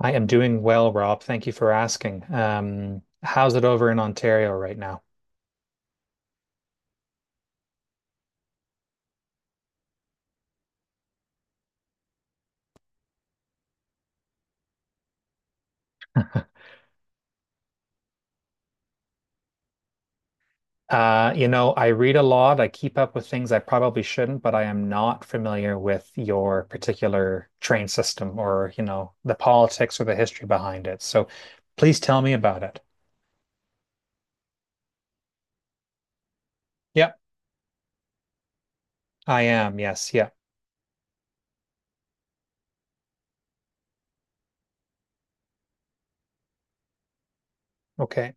I am doing well, Rob. Thank you for asking. How's it over in Ontario right now? You know, I read a lot. I keep up with things I probably shouldn't, but I am not familiar with your particular train system or, you know, the politics or the history behind it. So please tell me about it. Yep, I am. Yes, yeah. Okay.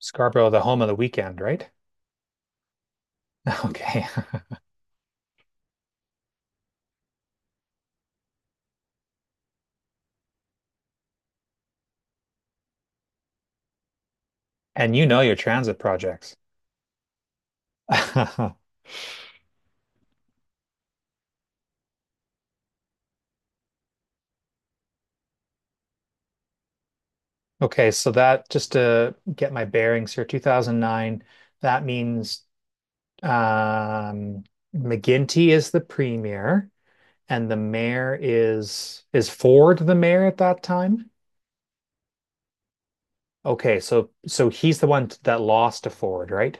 Scarborough, the home of the weekend, right? Okay. And you know your transit projects. Okay, so that just to get my bearings here, 2009, that means um, McGinty is the premier and the mayor is, Ford the mayor at that time? Okay, so so he's the one that lost to Ford, right?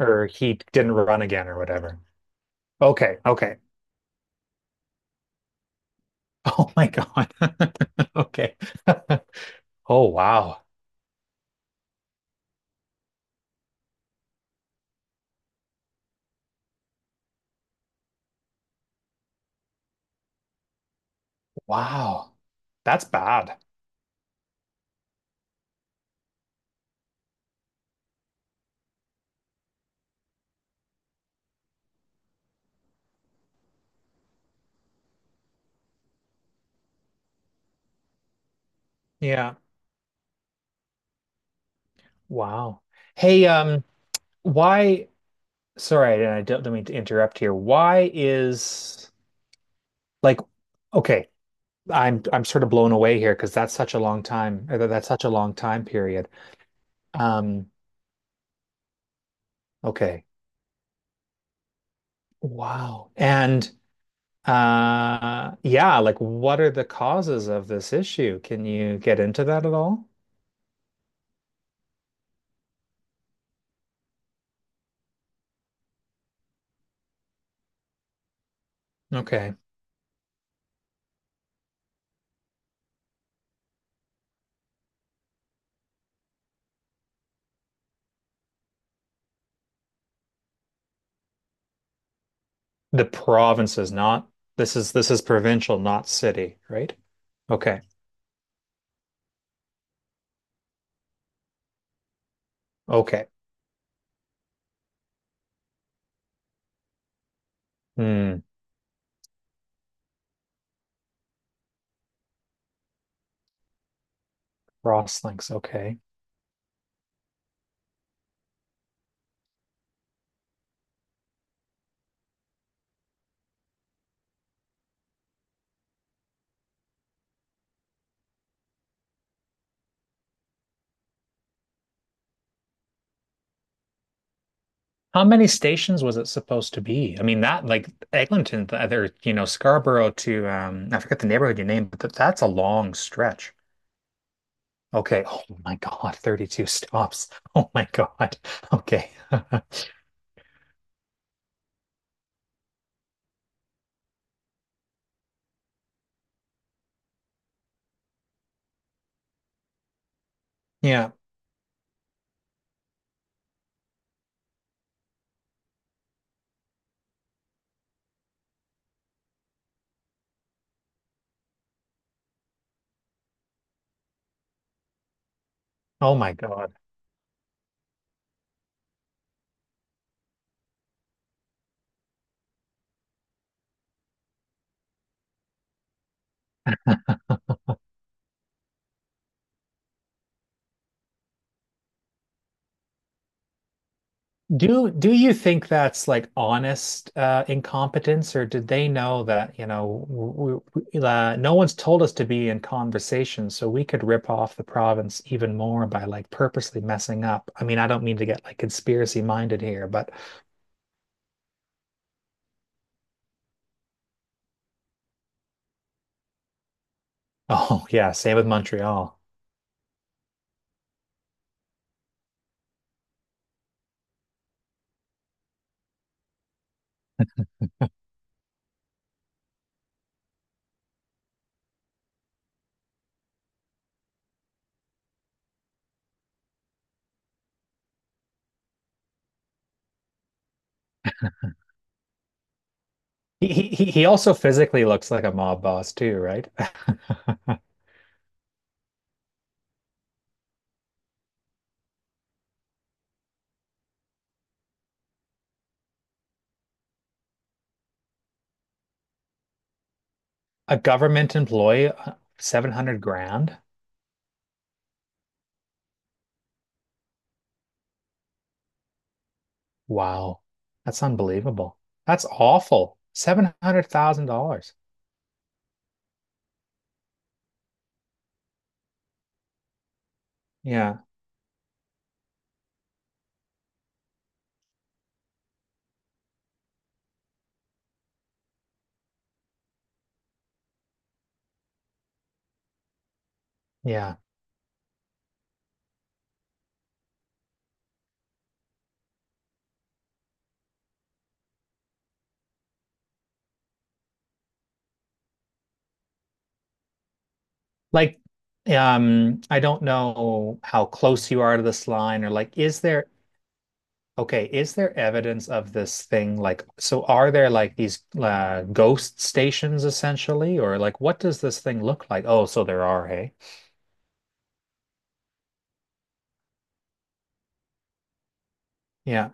Or he didn't run again or whatever. Okay, okay. Oh my God. Okay. Oh wow. Wow. That's bad. Yeah. Wow. Hey, why Sorry, and I don't mean to interrupt here. Why is like okay, I'm sort of blown away here because that's such a long time. Or that's such a long time period. Um, okay. Wow. And yeah, like what are the causes of this issue? Can you get into that at all? Okay. The provinces, not this is provincial, not city, right? Okay. Okay. Hmm. Cross links. Okay. How many stations was it supposed to be? I mean, that like Eglinton, the other, you know, Scarborough to I forget the neighborhood you named, but th that's a long stretch. Okay. Oh my God, 32 stops. Oh my God. Okay. Yeah. Oh my God. Do do you think that's like honest incompetence, or did they know that, you know, w w no one's told us to be in conversation, so we could rip off the province even more by like purposely messing up? I mean, I don't mean to get like conspiracy minded here, but oh yeah, same with Montreal. He he also physically looks like a mob boss too, right? A government employee, 700 grand. Wow. That's unbelievable. That's awful. $700,000. Yeah. Yeah. Like, I don't know how close you are to this line or like, is there, okay, is there evidence of this thing? Like, so are there like these ghost stations essentially, or like, what does this thing look like? Oh, so there are, hey? Yeah.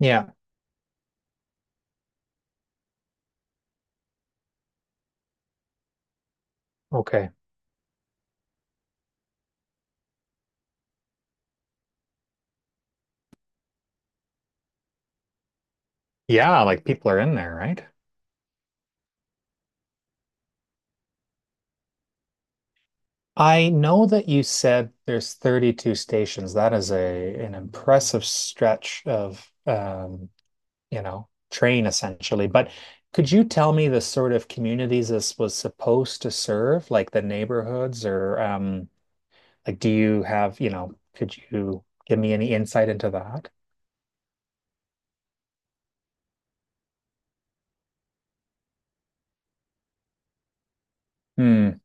Yeah. Okay. Yeah. Like people are in there, right? I know that you said there's 32 stations. That is a an impressive stretch of you know, train essentially. But could you tell me the sort of communities this was supposed to serve, like the neighborhoods or like do you have, you know, could you give me any insight into that? Hmm.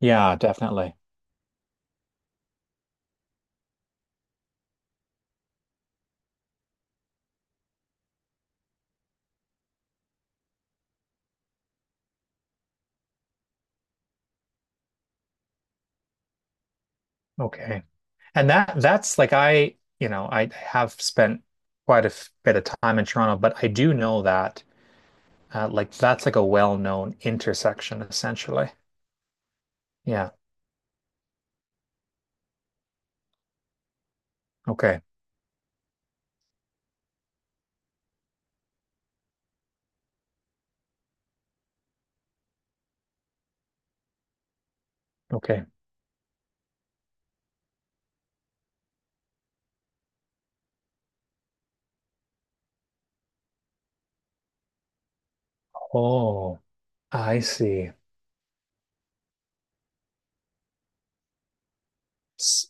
Yeah, definitely. Okay. And that that's like I, you know, I have spent quite a bit of time in Toronto, but I do know that like that's like a well-known intersection, essentially. Yeah. Okay. Okay. Oh, I see. S-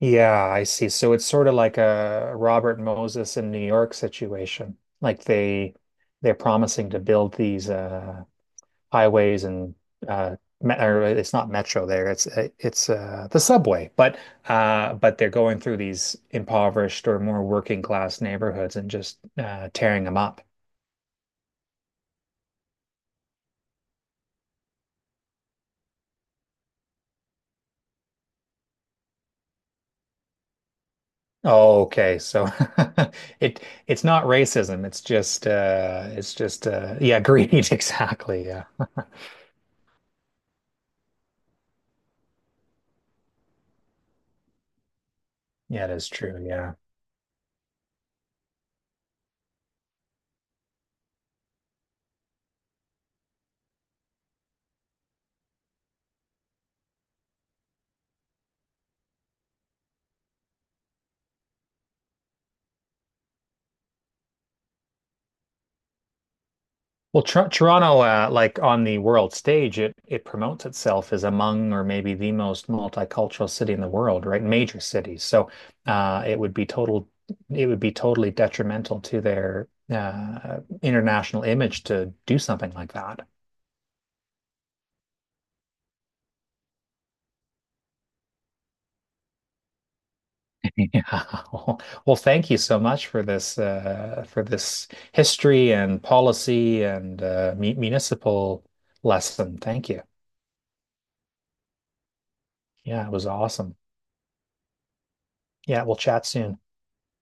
Yeah, I see. So it's sort of like a Robert Moses in New York situation. Like they they're promising to build these highways and uh me or it's not metro there. It's the subway, but they're going through these impoverished or more working class neighborhoods and just tearing them up. Oh, okay. So it it's not racism. It's just yeah, greed exactly. Yeah. Yeah, it's true. Yeah. Well, Toronto like on the world stage, it promotes itself as among or maybe the most multicultural city in the world, right? Major cities. So it would be totally detrimental to their international image to do something like that. Yeah. Well, thank you so much for this history and policy and municipal lesson. Thank you. Yeah, it was awesome. Yeah, we'll chat soon.